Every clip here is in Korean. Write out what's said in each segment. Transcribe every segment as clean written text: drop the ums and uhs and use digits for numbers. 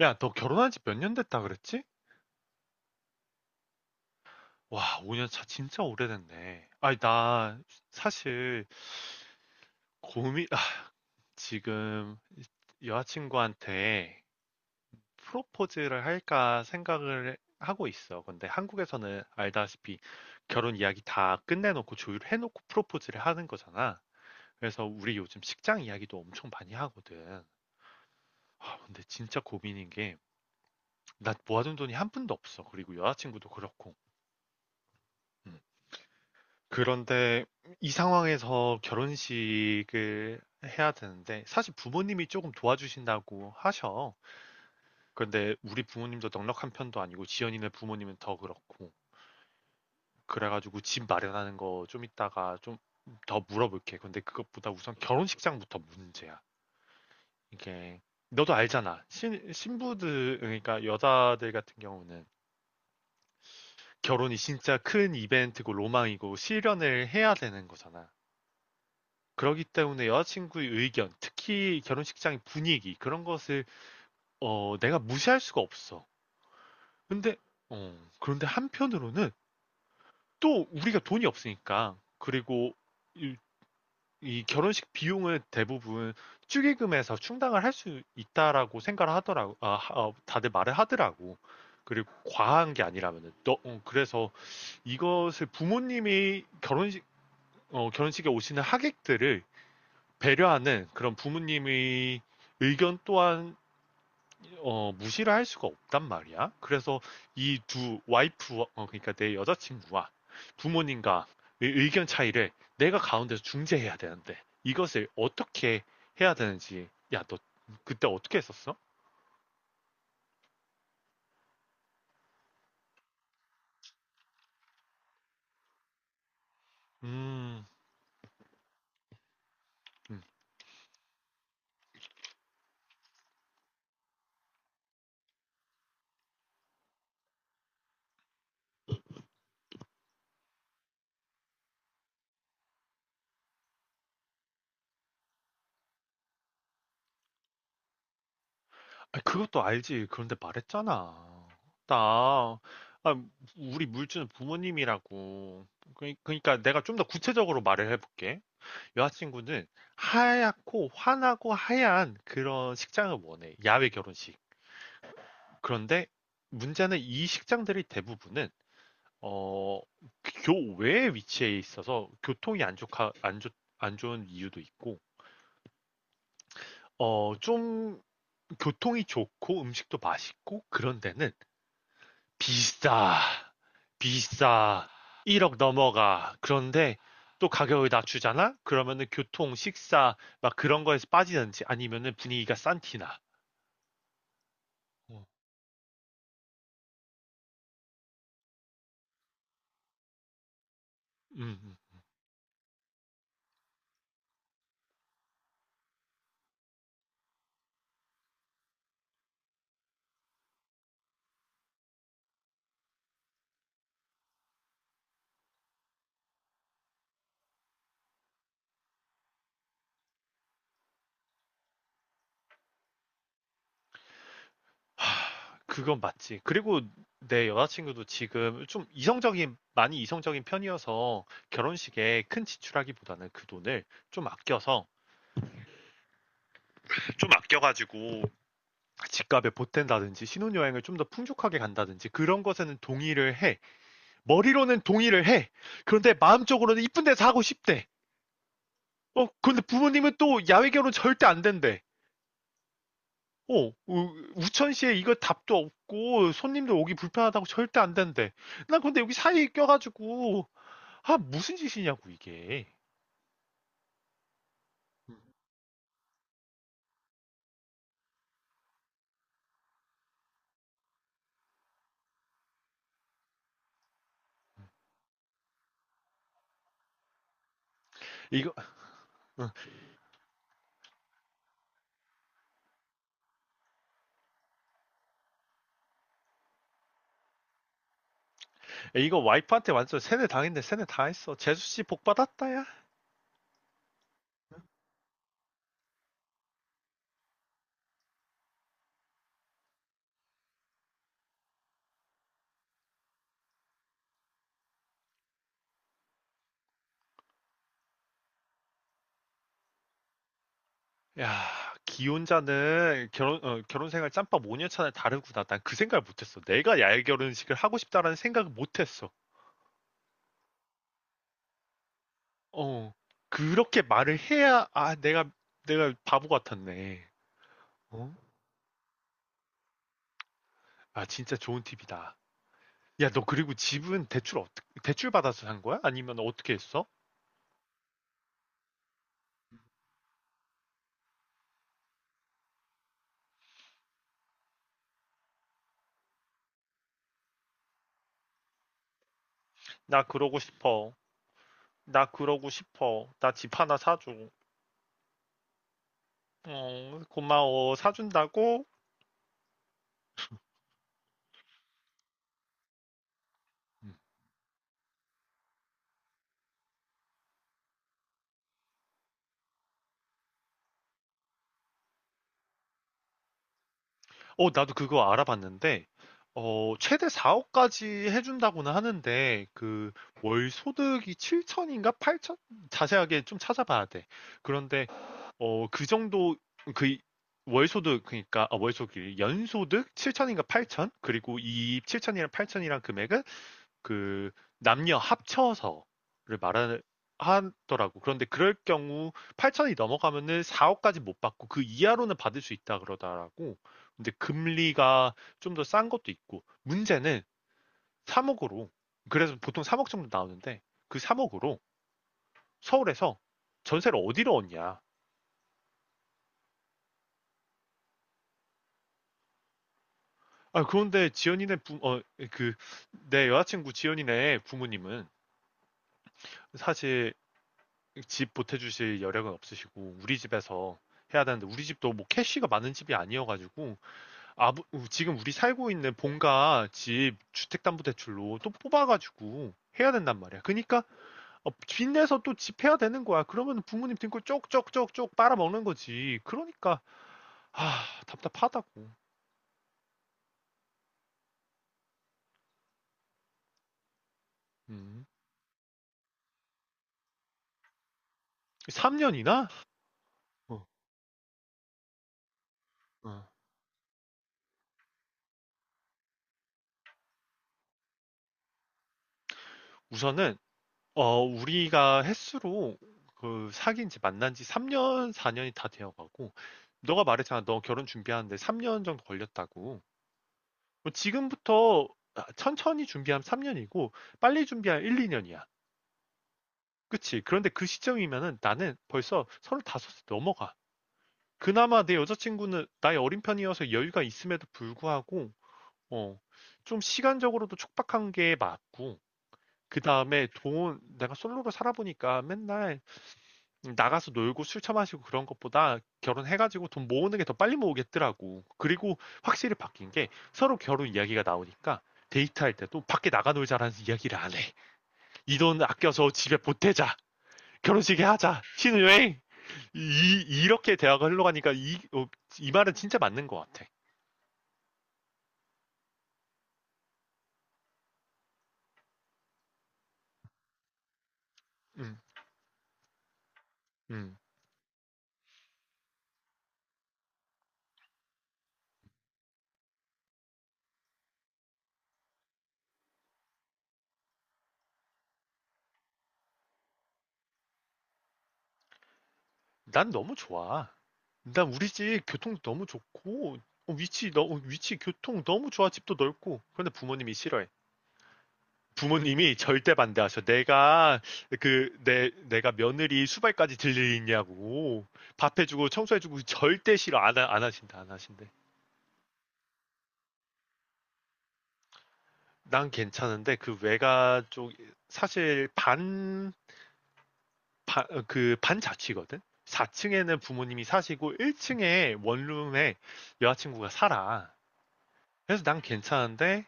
야, 너 결혼한 지 몇 년 됐다 그랬지? 와, 5년 차 진짜 오래됐네. 아니, 나 사실 고민, 지금 여자친구한테 프로포즈를 할까 생각을 하고 있어. 근데 한국에서는 알다시피 결혼 이야기 다 끝내놓고 조율 해놓고 프로포즈를 하는 거잖아. 그래서 우리 요즘 식장 이야기도 엄청 많이 하거든. 아, 근데 진짜 고민인 게, 나 모아둔 돈이 한 푼도 없어. 그리고 여자친구도 그렇고. 음. 그런데 이 상황에서 결혼식을 해야 되는데 사실 부모님이 조금 도와주신다고 하셔. 근데 우리 부모님도 넉넉한 편도 아니고 지연이네 부모님은 더 그렇고. 그래가지고 집 마련하는 거 좀 이따가 좀 더 물어볼게. 근데 그것보다 우선 결혼식장부터 문제야. 이게 너도 알잖아. 신부들 그러니까 여자들 같은 경우는 결혼이 진짜 큰 이벤트고 로망이고 실현을 해야 되는 거잖아. 그러기 때문에 여자친구의 의견, 특히 결혼식장의 분위기 그런 것을 내가 무시할 수가 없어. 근데 그런데 한편으로는 또 우리가 돈이 없으니까, 그리고 이, 이 결혼식 비용을 대부분 축의금에서 충당을 할 수 있다라고 생각을 하더라고. 다들 말을 하더라고. 그리고 과한 게 아니라면은 너 그래서 이것을 부모님이 결혼식에 오시는 하객들을 배려하는 그런 부모님의 의견 또한 무시를 할 수가 없단 말이야. 그래서 이 두 와이프, 그러니까 내 여자친구와 부모님과 의 의견 차이를 내가 가운데서 중재해야 되는데 이것을 어떻게 해야 되는지. 야, 너 그때 어떻게 했었어? 음, 음. 아, 그것도 알지. 그런데 말했잖아. 나, 아, 우리 물주는 부모님이라고. 그러니까 내가 좀 더 구체적으로 말을 해볼게. 여자친구는 하얗고 환하고 하얀 그런 식장을 원해. 야외 결혼식. 그런데 문제는 이 식장들이 대부분은 어, 교외에 위치해 있어서 교통이 안 좋가 안 좋, 안 좋은 이유도 있고 좀 교통이 좋고 음식도 맛있고 그런 데는 비싸, 비싸. 1억 넘어가. 그런데 또 가격을 낮추잖아? 그러면은 교통, 식사, 막 그런 거에서 빠지는지 아니면은 분위기가 싼 티나. 어, 음, 음. 그건 맞지. 그리고 내 여자친구도 지금 좀 이성적인, 많이 이성적인 편이어서 결혼식에 큰 지출하기보다는 그 돈을 좀 아껴서, 좀 아껴가지고 집값에 보탠다든지 신혼여행을 좀 더 풍족하게 간다든지 그런 것에는 동의를 해. 머리로는 동의를 해. 그런데 마음적으로는 이쁜 데서 하고 싶대. 근데 부모님은 또 야외 결혼 절대 안 된대. 천시에 이거 답도 없고 손님들 오기 불편하다고 절대 안 된대. 난 근데 여기 사이에 껴가지고 아, 무슨 짓이냐고 이게. 이거 이거 와이프한테 완전 세뇌 당했네, 세뇌 당했어. 재수 씨 복 받았다야. 야, 야, 기혼자는 결혼 생활 짬밥 5년 차는 다르구나. 난 그 생각을 못했어. 내가 야외 결혼식을 하고 싶다라는 생각을 못했어. 어, 그렇게 말을 해야, 내가 바보 같았네. 어? 아, 진짜 좋은 팁이다. 야, 너 그리고 집은 대출 받아서 산 거야? 아니면 어떻게 했어? 나 그러고 싶어. 나 그러고 싶어. 나 집 하나 사줘. 고마워. 사준다고? 음. 나도 그거 알아봤는데, 최대 4억까지 해준다고는 하는데, 월 소득이 7천인가 8천? 자세하게 좀 찾아봐야 돼. 그런데 어, 그 정도, 그, 그니까, 연소득 7천인가 8천? 그리고 이 7천이랑 8천이랑 금액은 그, 남녀 합쳐서를 말하, 하더라고. 그런데 그럴 경우 8천이 넘어가면은 4억까지 못 받고 그 이하로는 받을 수 있다 그러더라고. 근데 금리가 좀 더 싼 것도 있고, 문제는 3억으로, 그래서 보통 3억 정도 나오는데, 그 3억으로 서울에서 전세를 어디로 얻냐. 아, 그런데 지연이네 부, 어, 그, 내 여자친구 지연이네 부모님은 사실 집 보태주실 여력은 없으시고, 우리 집에서 해야 되는데, 우리 집도 뭐 캐시가 많은 집이 아니어가지고, 아부, 지금 우리 살고 있는 본가 집 주택담보대출로 또 뽑아가지고 해야 된단 말이야. 그러니까, 빚내서 또 집 해야 되는 거야. 그러면 부모님 등골 쪽쪽쪽쪽 빨아먹는 거지. 그러니까, 아, 답답하다고. 음. 3년이나? 우선은, 우리가 횟수로 그 사귄 지 만난 지 3년, 4년이 다 되어 가고, 너가 말했잖아. 너 결혼 준비하는데 3년 정도 걸렸다고. 뭐 지금부터 천천히 준비하면 3년이고, 빨리 준비하면 1, 2년이야. 그치? 그런데 그 시점이면은 나는 벌써 35세 넘어가. 그나마 내 여자친구는 나이 어린 편이어서 여유가 있음에도 불구하고, 어, 좀 시간적으로도 촉박한 게 맞고, 그 다음에 돈, 내가 솔로로 살아보니까 맨날 나가서 놀고 술 처마시고 그런 것보다 결혼해 가지고 돈 모으는 게 더 빨리 모으겠더라고. 그리고 확실히 바뀐 게 서로 결혼 이야기가 나오니까 데이트할 때도 "밖에 나가 놀자."라는 이야기를 안 해. "이 돈 아껴서 집에 보태자. 결혼식에 하자. 신혼여행." 이 이렇게 대화가 흘러가니까 이 말은 진짜 맞는 것 같아. 음. 음. 난 너무 좋아. 난 우리 집 교통도 너무 좋고 위치 교통 너무 좋아. 집도 넓고. 그런데 부모님이 싫어해. 부모님이 절대 반대하셔. 내가 그 내 내가 며느리 수발까지 들리냐고 밥 해주고 청소해주고 절대 싫어, 안 하신다 안 하신대. 난 괜찮은데 그 외가 쪽 사실 반반그 반자취거든. 4층에는 부모님이 사시고 1층에 원룸에 여자친구가 살아. 그래서 난 괜찮은데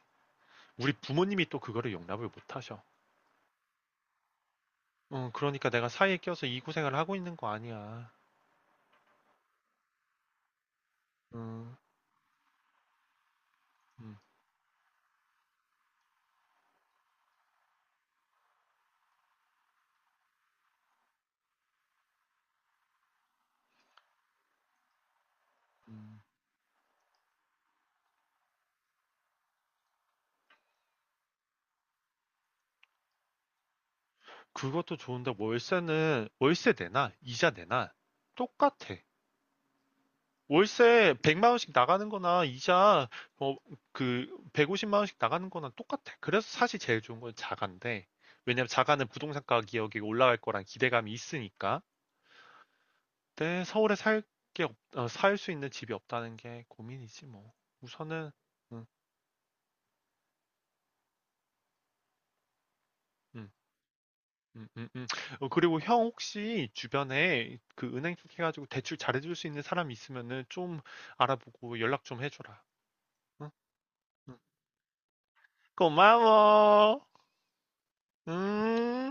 우리 부모님이 또 그거를 용납을 못 하셔. 그러니까 내가 사이에 껴서 이 고생을 하고 있는 거 아니야. 음, 음, 음. 그것도 좋은데 월세는 월세 내나 이자 내나 똑같아. 월세 100만 원씩 나가는 거나 이자 뭐그 150만 원씩 나가는 거나 똑같아. 그래서 사실 제일 좋은 건 자가인데 왜냐면 자가는 부동산 가격이 올라갈 거란 기대감이 있으니까. 근데 서울에 살게 살 수 있는 집이 없다는 게 고민이지 뭐. 우선은 음, 음. 음, 음, 음. 그리고 형 혹시 주변에 그 은행 쪽 해가지고 대출 잘해줄 수 있는 사람 있으면은 좀 알아보고 연락 좀 해줘라. 응? 응. 고마워. 음.